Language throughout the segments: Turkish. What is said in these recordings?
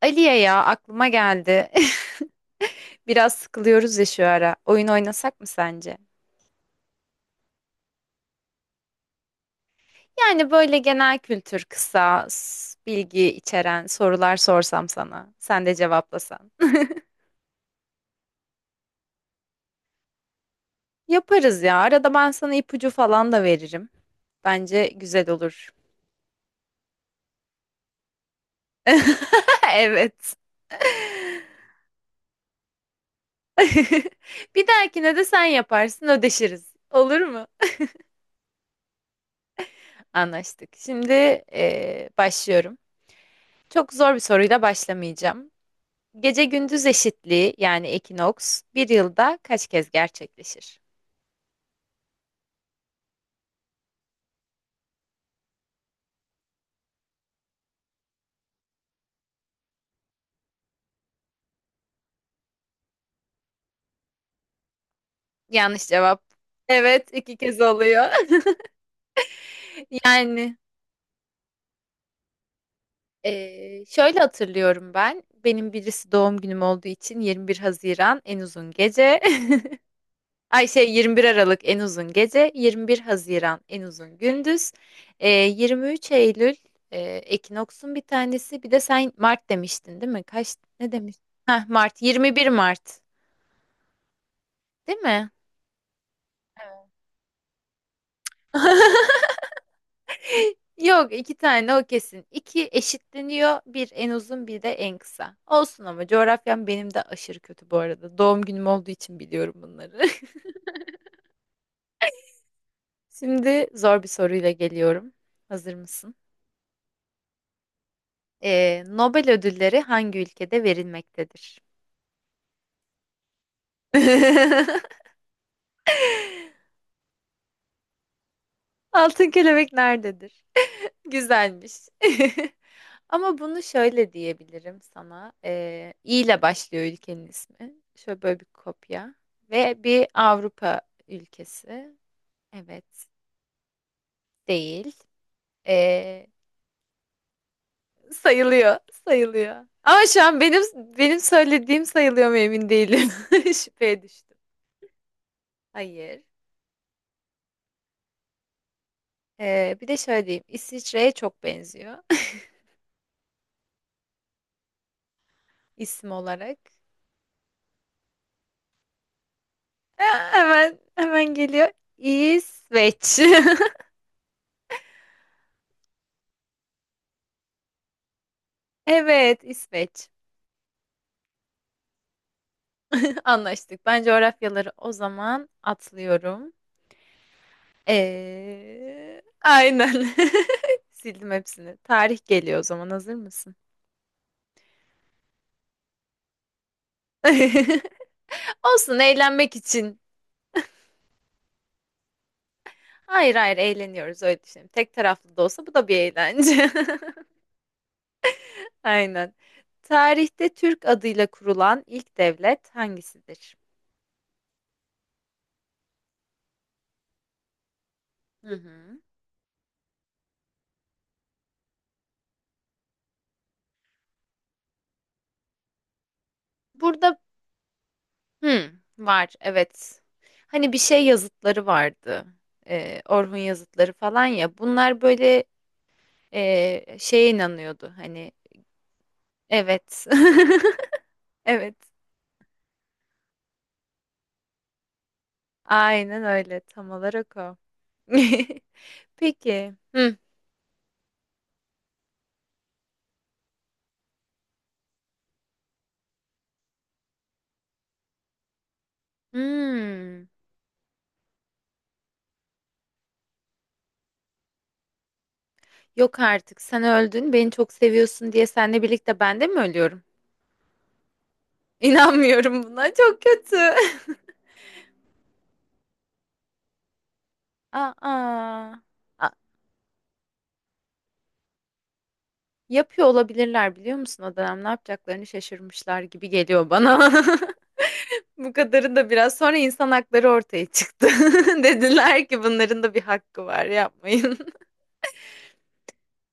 Aliye ya aklıma geldi. Biraz sıkılıyoruz ya şu ara. Oyun oynasak mı sence? Yani böyle genel kültür, kısa, bilgi içeren sorular sorsam sana. Sen de cevaplasan. Yaparız ya. Arada ben sana ipucu falan da veririm. Bence güzel olur. Evet. Bir dahakine de sen yaparsın, ödeşiriz. Olur mu? Anlaştık. Şimdi başlıyorum. Çok zor bir soruyla başlamayacağım. Gece gündüz eşitliği yani ekinoks bir yılda kaç kez gerçekleşir? Yanlış cevap. Evet, 2 kez oluyor. Yani şöyle hatırlıyorum ben. Benim birisi doğum günüm olduğu için 21 Haziran en uzun gece. Ay şey 21 Aralık en uzun gece. 21 Haziran en uzun gündüz. 23 Eylül ekinoksun bir tanesi. Bir de sen Mart demiştin değil mi? Kaç ne demiştin? Heh, 21 Mart değil mi? Yok 2 tane o kesin. İki eşitleniyor. Bir en uzun bir de en kısa. Olsun ama coğrafyam benim de aşırı kötü bu arada. Doğum günüm olduğu için biliyorum bunları. Şimdi zor bir soruyla geliyorum. Hazır mısın? Nobel ödülleri hangi ülkede verilmektedir? Altın kelebek nerededir? Güzelmiş. Ama bunu şöyle diyebilirim sana. İ ile başlıyor ülkenin ismi. Şöyle böyle bir kopya. Ve bir Avrupa ülkesi. Evet. Değil. Ee, sayılıyor. Sayılıyor. Ama şu an benim söylediğim sayılıyor mu emin değilim. Şüpheye düştüm. Hayır. Bir de şöyle diyeyim. İsviçre'ye çok benziyor. isim olarak. Hemen hemen geliyor. İsveç. Evet, İsveç. Anlaştık. Ben coğrafyaları o zaman atlıyorum. Aynen. Sildim hepsini. Tarih geliyor o zaman. Hazır mısın? Olsun eğlenmek için. Hayır, hayır, eğleniyoruz öyle düşünelim. Tek taraflı da olsa bu da bir eğlence. Aynen. Tarihte Türk adıyla kurulan ilk devlet hangisidir? Hı hı. Burada var, evet. Hani bir şey yazıtları vardı. Orhun yazıtları falan ya. Bunlar böyle şeye inanıyordu. Hani evet. Evet. Aynen öyle. Tam olarak o. Peki. Hı. Hmm. Yok artık. Sen öldün. Beni çok seviyorsun diye seninle birlikte ben de mi ölüyorum? İnanmıyorum buna. Çok kötü. Aa. Yapıyor olabilirler, biliyor musun, o dönem ne yapacaklarını şaşırmışlar gibi geliyor bana. Bu kadarı da biraz sonra insan hakları ortaya çıktı. Dediler ki bunların da bir hakkı var, yapmayın.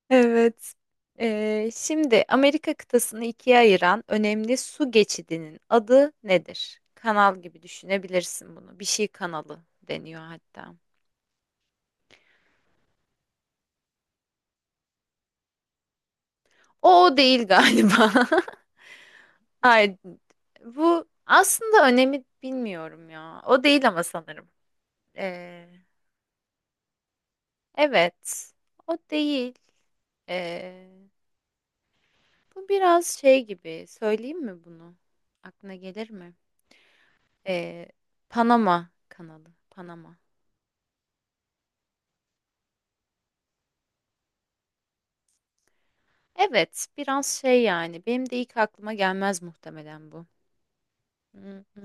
Evet. Şimdi Amerika kıtasını ikiye ayıran önemli su geçidinin adı nedir? Kanal gibi düşünebilirsin bunu. Bir şey kanalı deniyor hatta. O değil galiba. Hayır, bu aslında önemi bilmiyorum ya. O değil ama sanırım. Ee, evet, o değil. Ee, bu biraz şey gibi. Söyleyeyim mi bunu? Aklına gelir mi? Ee, Panama kanalı. Panama. Evet, biraz şey yani. Benim de ilk aklıma gelmez muhtemelen bu. Hı hı.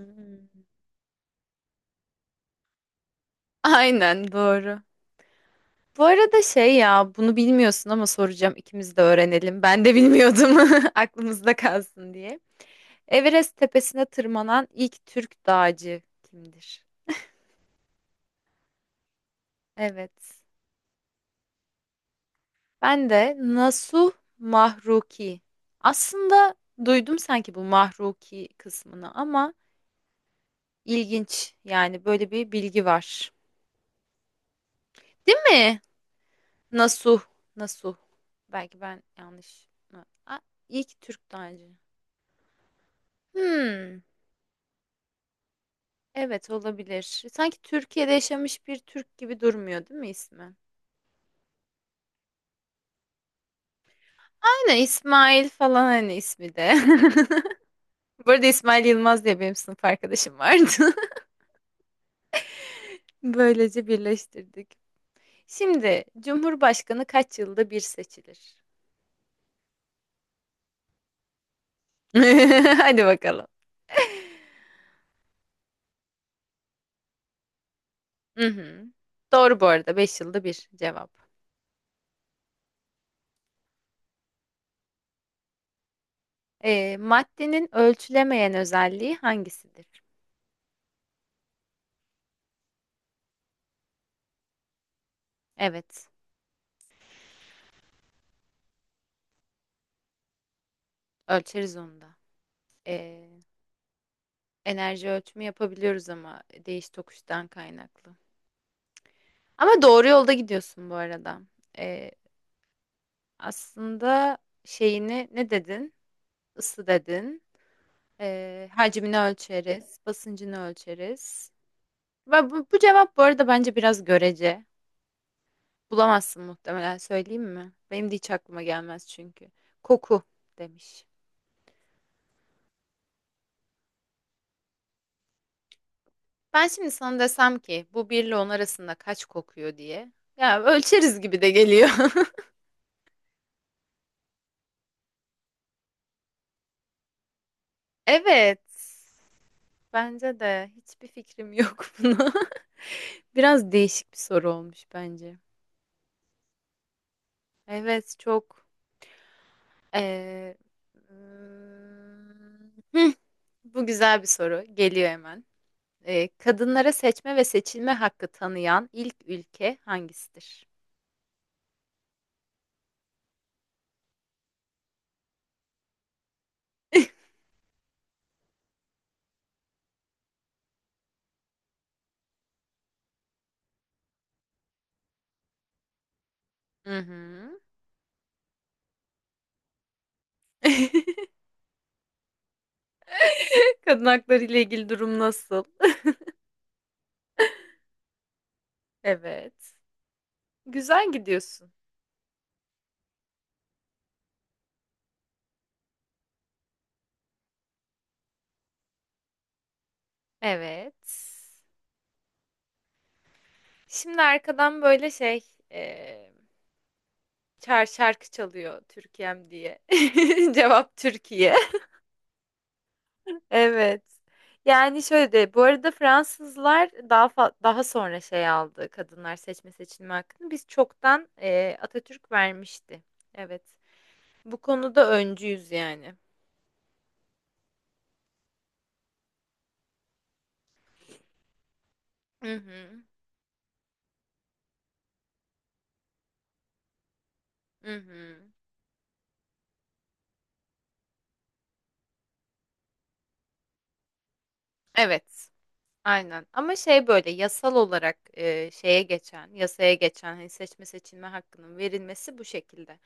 Aynen doğru. Bu arada şey ya, bunu bilmiyorsun ama soracağım. İkimiz de öğrenelim. Ben de bilmiyordum. Aklımızda kalsın diye. Everest tepesine tırmanan ilk Türk dağcı kimdir? Evet. Ben de Nasuh Mahruki. Aslında duydum sanki bu Mahruki kısmını ama ilginç yani, böyle bir bilgi var. Değil mi? Nasuh, Nasuh. Belki ben yanlış mı? Aa, iyi ki Türk tacı. Hmm, evet olabilir. Sanki Türkiye'de yaşamış bir Türk gibi durmuyor değil mi ismi? Aynen İsmail falan hani ismi de. Bu arada İsmail Yılmaz diye benim sınıf arkadaşım vardı. Böylece birleştirdik. Şimdi Cumhurbaşkanı kaç yılda bir seçilir? Hadi bakalım. Hı hı. Doğru, bu arada 5 yılda bir cevap. Maddenin ölçülemeyen özelliği hangisidir? Evet, ölçeriz onu da. Ee, enerji ölçümü yapabiliyoruz ama değiş tokuştan kaynaklı. Ama doğru yolda gidiyorsun bu arada. Ee, aslında şeyini ne dedin? Isı dedin. Hacmini ölçeriz, basıncını ölçeriz. Ve bu cevap bu arada bence biraz görece. Bulamazsın muhtemelen, söyleyeyim mi? Benim de hiç aklıma gelmez çünkü. Koku demiş. Ben şimdi sana desem ki bu 1 ile 10 arasında kaç kokuyor diye. Ya ölçeriz gibi de geliyor. Evet. Bence de hiçbir fikrim yok buna. Biraz değişik bir soru olmuş bence. Evet, çok. Ee, hmm, Bu güzel bir soru. Geliyor hemen. Kadınlara seçme ve seçilme hakkı tanıyan ilk ülke hangisidir? Hı hı. Kadın hakları ile ilgili durum nasıl? Evet. Güzel gidiyorsun. Evet. Şimdi arkadan böyle şey eee çar şarkı çalıyor Türkiye'm diye. Cevap Türkiye. Evet. Yani şöyle de bu arada Fransızlar daha daha sonra şey aldı kadınlar seçme seçilme hakkını. Biz çoktan Atatürk vermişti. Evet. Bu konuda öncüyüz yani. Hı hı, hı hı. Evet, aynen. Ama şey böyle yasal olarak şeye geçen, yasaya geçen hani seçme seçilme hakkının verilmesi bu şekilde.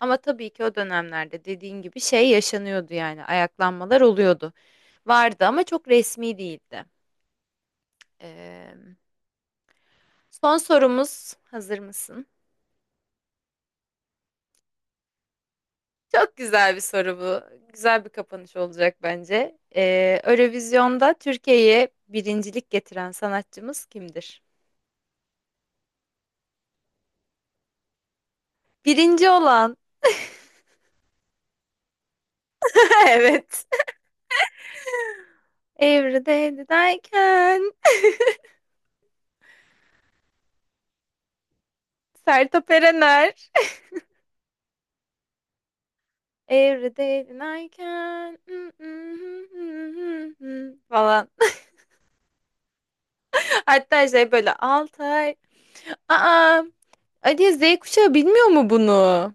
Ama tabii ki o dönemlerde dediğin gibi şey yaşanıyordu yani ayaklanmalar oluyordu. Vardı ama çok resmi değildi. Eee, son sorumuz, hazır mısın? Çok güzel bir soru bu. Güzel bir kapanış olacak bence. Eurovision'da Türkiye'ye birincilik getiren sanatçımız kimdir? Birinci olan. Evet. Every day that I can. Sertab Erener. Every day that I can. Falan. Hatta şey böyle Altay. Aa, Ali Z kuşağı bilmiyor mu bunu?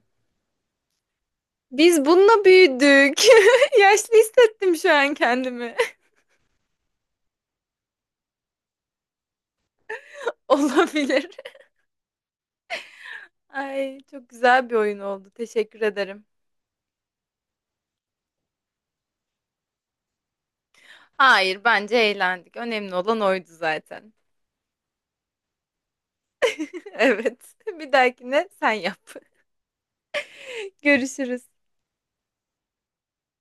Biz bununla büyüdük. Yaşlı hissettim şu an kendimi. Olabilir. Ay, çok güzel bir oyun oldu. Teşekkür ederim. Hayır, bence eğlendik. Önemli olan oydu zaten. Evet. Bir dahakine sen yap. Görüşürüz.